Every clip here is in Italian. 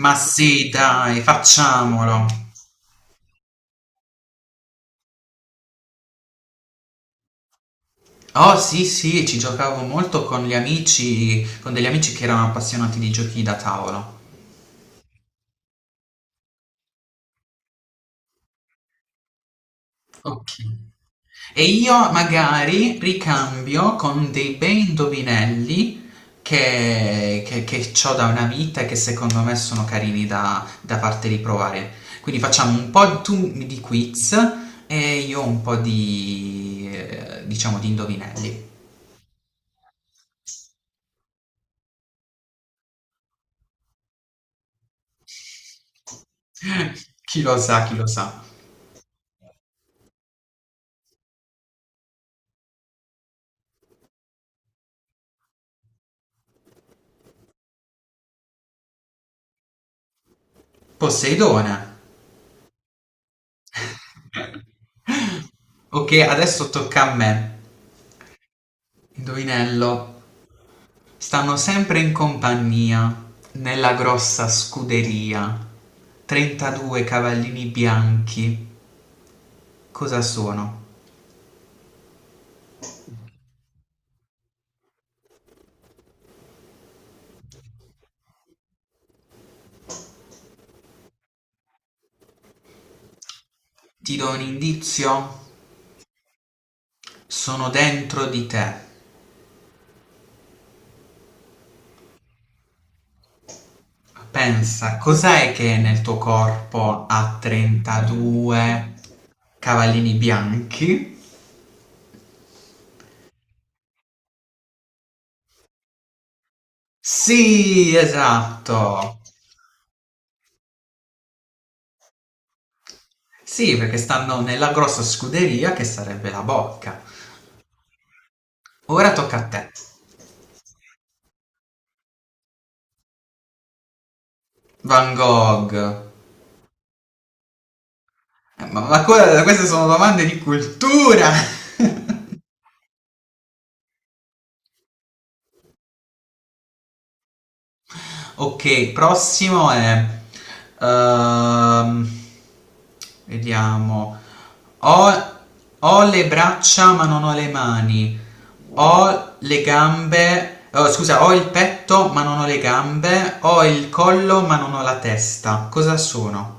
Ma sì, dai, facciamolo. Oh sì, sì, ci giocavo molto con gli amici, con degli amici che erano appassionati di giochi da tavolo. Ok. E io magari ricambio con dei bei indovinelli che ho da una vita e che secondo me sono carini da, da farti riprovare. Quindi facciamo un po' tu di quiz e io un po' di, diciamo, di indovinelli. Chi lo sa, chi lo sa. Poseidone. Ok, adesso tocca a me. Indovinello. Stanno sempre in compagnia, nella grossa scuderia. 32 cavallini bianchi. Cosa sono? Ti do un indizio? Sono dentro di te. Pensa, cos'è che nel tuo corpo ha 32 cavallini bianchi? Sì, esatto. Sì, perché stanno nella grossa scuderia che sarebbe la bocca. Ora tocca a te. Van Gogh. Ma, queste sono domande di cultura. Ok, prossimo è... ehm, vediamo. Ho, Ho le braccia ma non ho le mani. Ho le gambe... oh, scusa, Ho il petto ma non ho le gambe. Ho il collo ma non ho la testa. Cosa sono?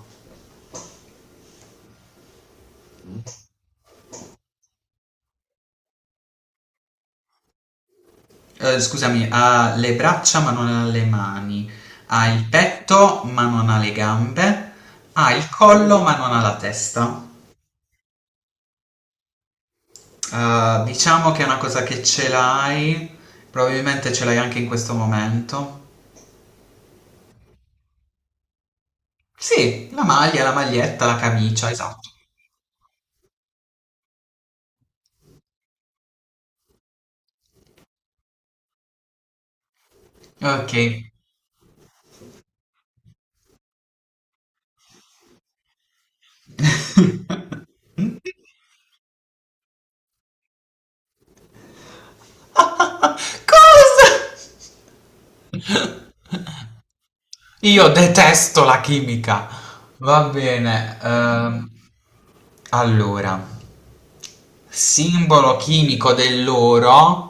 Eh, scusami, ha le braccia ma non ha le mani, ha il petto ma non ha le gambe, ha il collo ma non ha la testa. Diciamo che è una cosa che ce l'hai, probabilmente ce l'hai anche in questo momento. Sì, la maglia, la maglietta, la camicia, esatto. Ok. Cosa? Io detesto la chimica. Va bene. Allora. Simbolo chimico dell'oro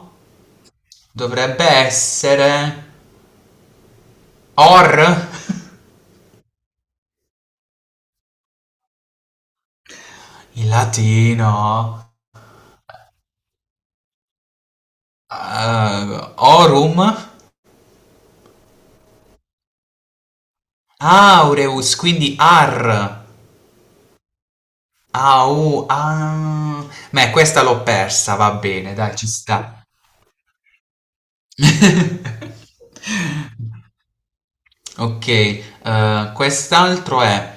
dovrebbe essere Or. In latino Aurum. Aureus, quindi Ar. Au, ah. Beh, questa l'ho persa, va bene, dai, ci sta. Ok, quest'altro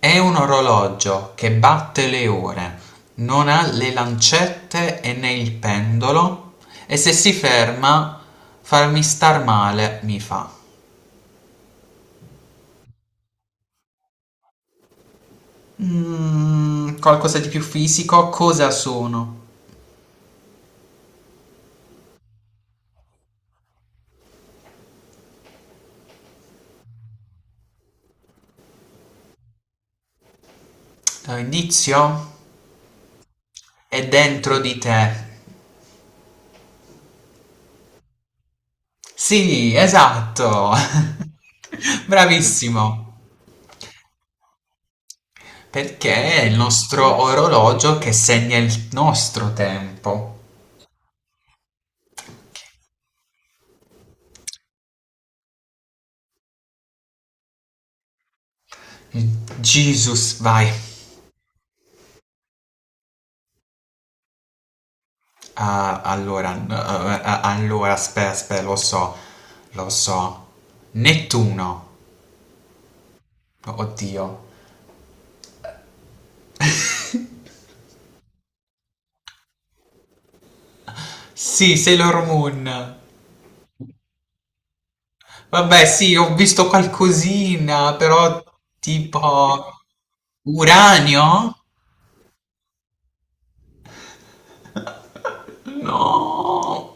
è un orologio che batte le ore, non ha le lancette e né il pendolo, e se si ferma, farmi star male mi fa. Mm, qualcosa di più fisico, cosa sono? Indizio? È dentro di te. Sì, esatto. Bravissimo. Perché è il nostro orologio che segna il nostro tempo. Jesus, vai. Ah, allora, allora, aspetta, aspetta, lo so, lo so. Nettuno. Oddio. Sì, Sailor Moon. Vabbè, sì, ho visto qualcosina, però tipo... Uranio? No.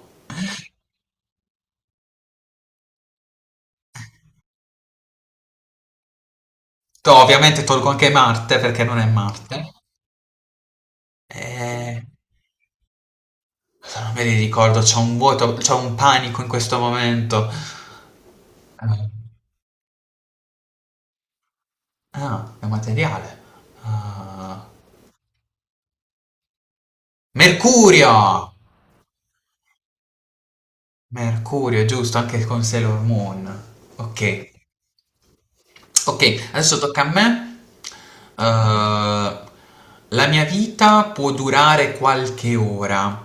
Ovviamente tolgo anche Marte perché non è Marte. Eh, Non me li ricordo, c'ho un panico in questo momento. Eh, Ah, è materiale. Ah, Mercurio! Mercurio, giusto, anche con Sailor Moon. Ok. Ok, adesso tocca a me. Eh, la mia vita può durare qualche ora.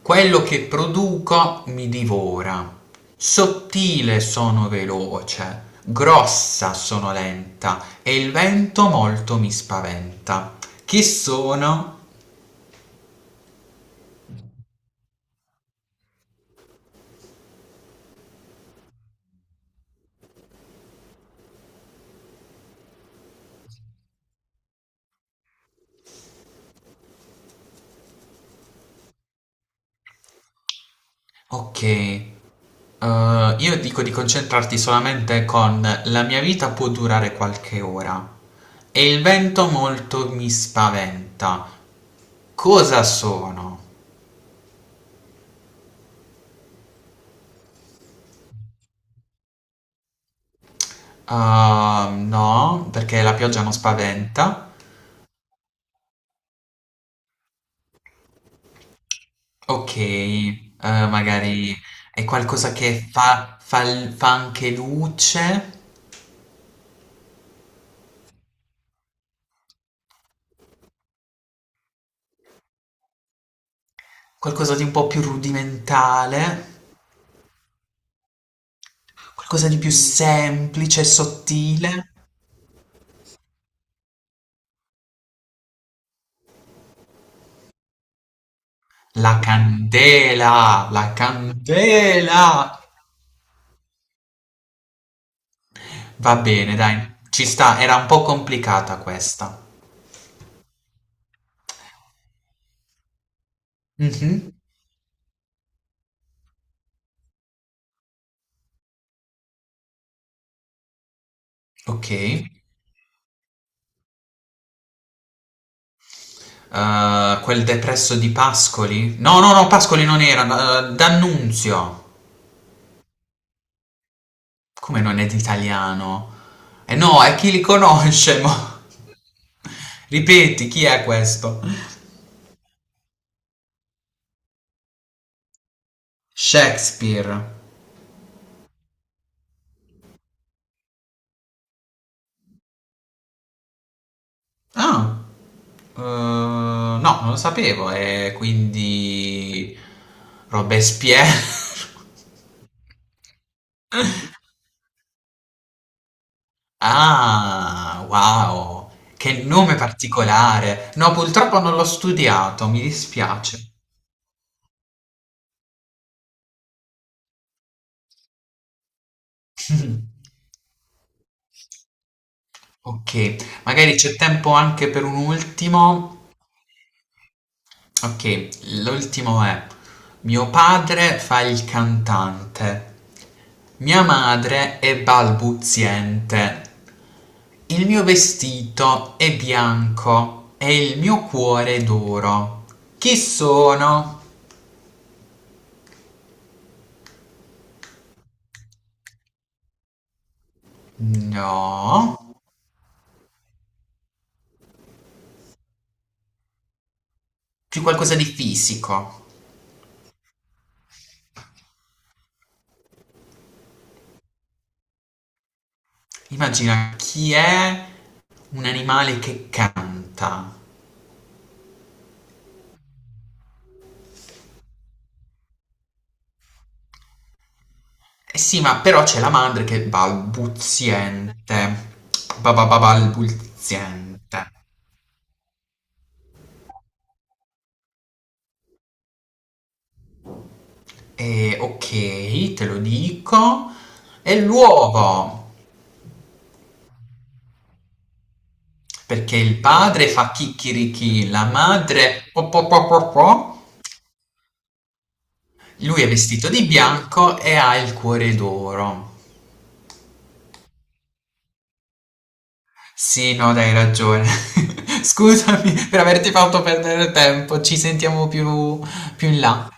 Quello che produco mi divora. Sottile sono veloce, grossa sono lenta e il vento molto mi spaventa. Chi sono? Ok. Io dico di concentrarti solamente con la mia vita può durare qualche ora e il vento molto mi spaventa. Cosa sono? Ah, no, perché la pioggia non spaventa. Ok, magari è qualcosa che fa anche luce, qualcosa di un po' più rudimentale, qualcosa di più semplice, sottile. La candela, la candela! Va bene, dai, ci sta, era un po' complicata questa. Mhm, ok. Quel depresso di Pascoli? No, no, no, Pascoli non era, D'Annunzio. Come non è d'italiano? Eh no, è chi li conosce, mo. Ripeti, chi è questo? Shakespeare. Ah, no, non lo sapevo. E quindi Robespierre. Ah, wow, che nome particolare. No, purtroppo non l'ho studiato, mi dispiace. Ok, magari c'è tempo anche per un ultimo. Ok, l'ultimo è: mio padre fa il cantante, mia madre è balbuziente, il mio vestito è bianco e il mio cuore è d'oro. Chi sono? No, più qualcosa di fisico. Immagina chi è un animale che canta. Eh sì, ma però c'è la madre che è balbuziente. Bababalbuziente. E ok, te lo dico. E l'uovo, perché il padre fa chicchirichì, la madre po po po po po. Lui è vestito di bianco e ha il cuore d'oro. Sì, no, dai, hai ragione. Scusami per averti fatto perdere tempo. Ci sentiamo più più in là.